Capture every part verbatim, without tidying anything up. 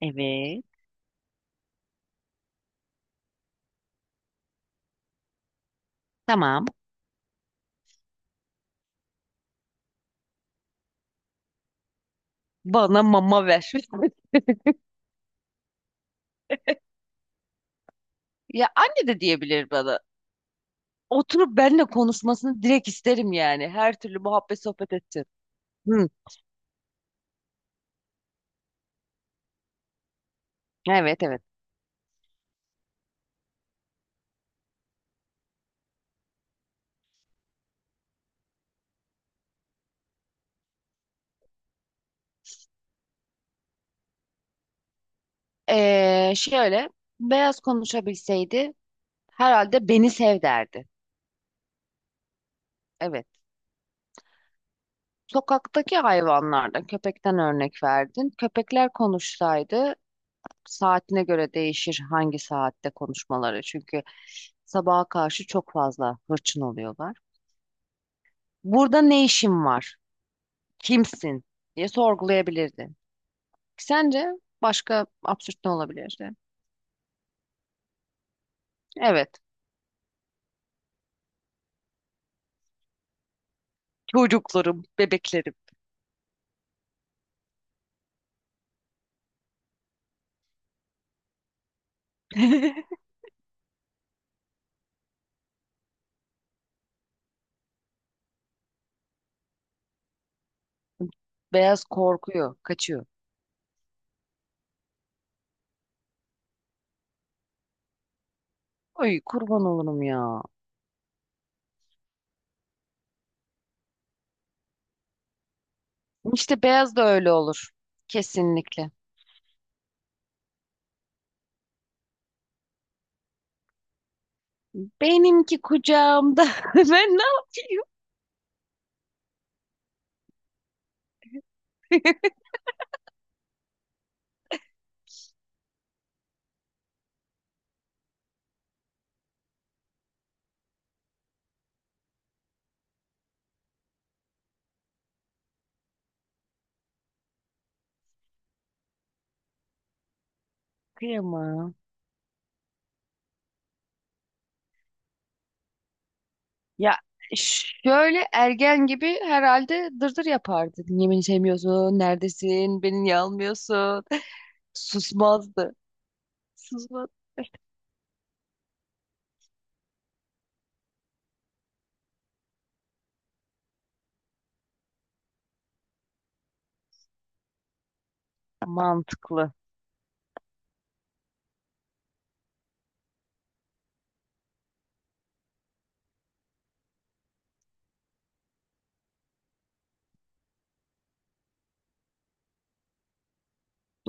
Evet. Tamam. Bana mama ver. Ya anne de diyebilir bana. Oturup benimle konuşmasını direkt isterim yani. Her türlü muhabbet sohbet edeceğiz. Hı, evet evet. Ee, şöyle beyaz konuşabilseydi herhalde beni sev derdi. Evet. Sokaktaki hayvanlardan köpekten örnek verdin. Köpekler konuşsaydı saatine göre değişir hangi saatte konuşmaları. Çünkü sabaha karşı çok fazla hırçın oluyorlar. Burada ne işim var? Kimsin diye sorgulayabilirdin. Sence başka absürt ne olabilirdi? Evet, çocuklarım, bebeklerim. Beyaz korkuyor, kaçıyor. Ay kurban olurum ya. İşte beyaz da öyle olur. Kesinlikle. Benimki kucağımda. Ben ne yapayım? Kıyamam. Ya şöyle ergen gibi herhalde dırdır yapardı. Yemin sevmiyorsun, neredesin, beni niye almıyorsun? Susmazdı. Susmaz. Mantıklı.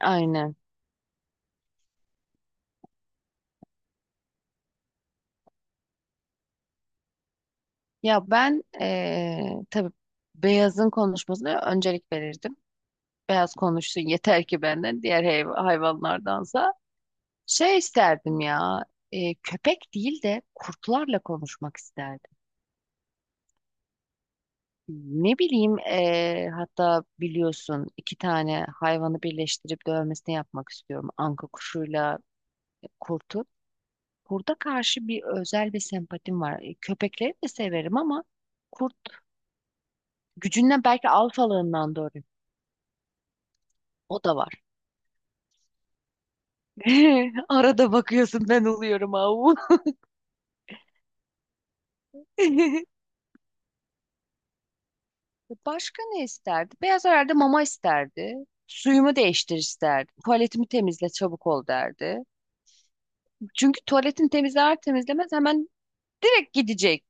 Aynen. Ya ben eee tabii beyazın konuşmasına öncelik verirdim. Beyaz konuşsun yeter ki benden diğer hayv- hayvanlardansa. Şey isterdim ya, eee, köpek değil de kurtlarla konuşmak isterdim. Ne bileyim, eee, hatta biliyorsun iki tane hayvanı birleştirip dövmesini yapmak istiyorum. Anka kuşuyla kurtu. Kurda karşı bir özel bir sempatim var. E, Köpekleri de severim ama kurt gücünden belki alfalığından doğru. O da var. Arada bakıyorsun ben oluyorum avu. Başka ne isterdi? Beyaz herhalde mama isterdi. Suyumu değiştir isterdi. Tuvaletimi temizle çabuk ol derdi. Çünkü tuvaletini temizler temizlemez hemen direkt gidecek.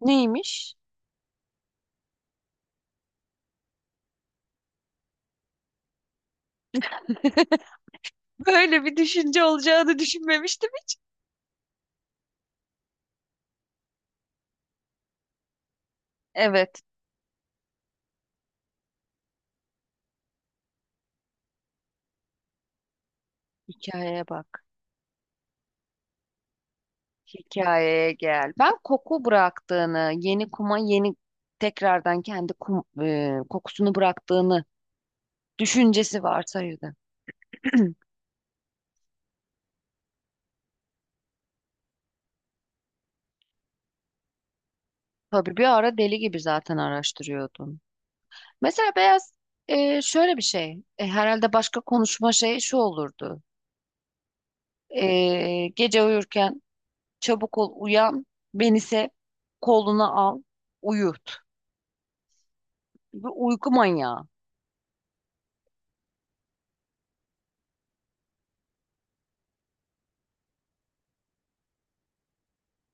Neymiş? Böyle bir düşünce olacağını düşünmemiştim hiç. Evet, hikayeye bak. Hikayeye gel. Ben koku bıraktığını, yeni kuma yeni tekrardan kendi kum, e, kokusunu bıraktığını düşüncesi varsaydı. Tabii bir ara deli gibi zaten araştırıyordun. Mesela beyaz, e, şöyle bir şey. E, herhalde başka konuşma şeyi şu olurdu. E, gece uyurken çabuk ol uyan. Beni sev. Koluna al. Uyut. Bir uyku manyağı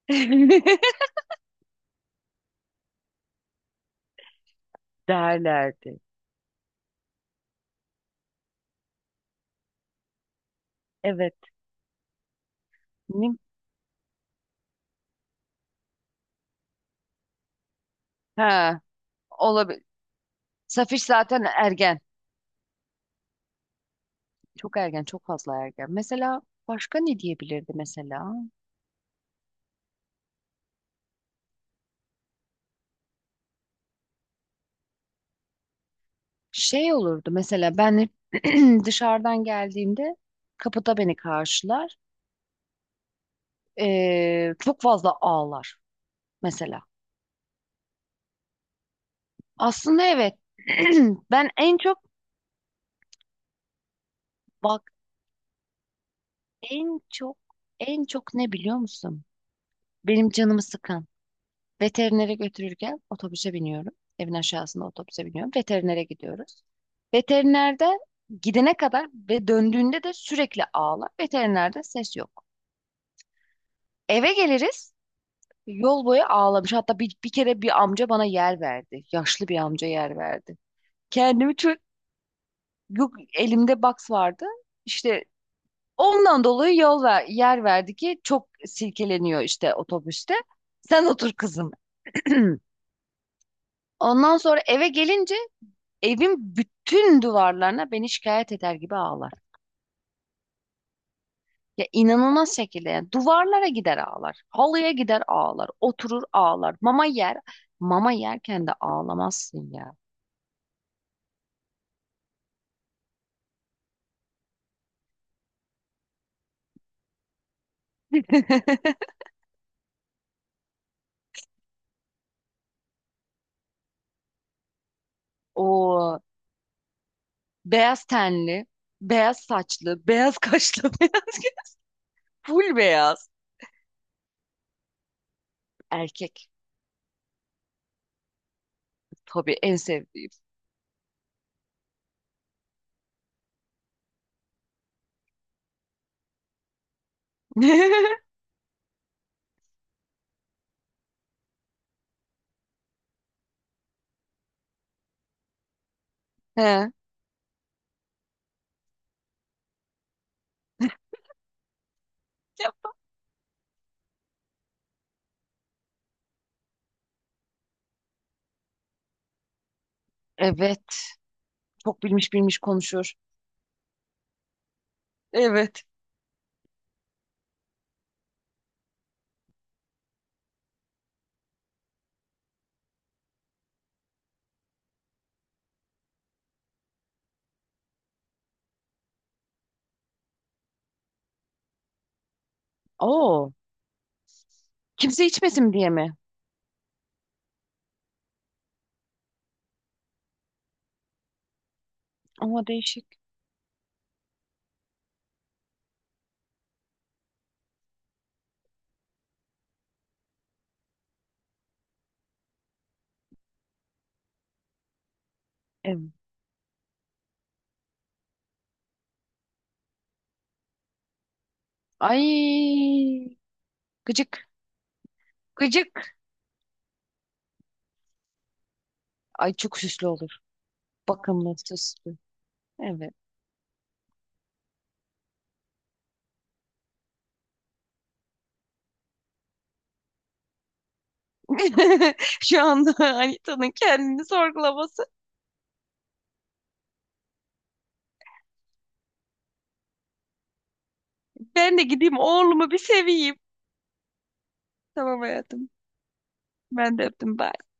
derlerdi. Evet. Ne- Ha, olabilir. Safiş zaten ergen. Çok ergen. Çok fazla ergen. Mesela başka ne diyebilirdi mesela? Şey olurdu, mesela ben hep dışarıdan geldiğimde kapıda beni karşılar. Ee, çok fazla ağlar mesela. Aslında evet. Ben en çok, bak, en çok, en çok ne biliyor musun? Benim canımı sıkan. Veterinere götürürken otobüse biniyorum. Evin aşağısında otobüse biniyorum. Veterinere gidiyoruz. Veterinerde gidene kadar ve döndüğünde de sürekli ağlar. Veterinerde ses yok. Eve geliriz. Yol boyu ağlamış. Hatta bir, bir kere bir amca bana yer verdi. Yaşlı bir amca yer verdi. Kendimi çok, yok elimde box vardı. İşte ondan dolayı yol ver, yer verdi ki çok silkeleniyor işte otobüste. Sen otur kızım. Ondan sonra eve gelince evin bütün duvarlarına beni şikayet eder gibi ağlar. Ya inanılmaz şekilde yani duvarlara gider ağlar. Halıya gider ağlar. Oturur ağlar. Mama yer. Mama yerken de ağlamazsın ya. O beyaz tenli, beyaz saçlı, beyaz kaşlı, beyaz göz-, full beyaz erkek. Tabii en sevdiğim. He. Yap. Evet. Çok bilmiş bilmiş konuşur. Evet. Oo. Kimse içmesin diye mi? Ama değişik. Evet. Ay. Gıcık. Gıcık. Ay çok süslü olur. Bakımlı, süslü. Evet. Şu anda Anita'nın kendini sorgulaması. Ben de gideyim oğlumu bir seveyim. Tamam hayatım. Ben de öptüm. Bye.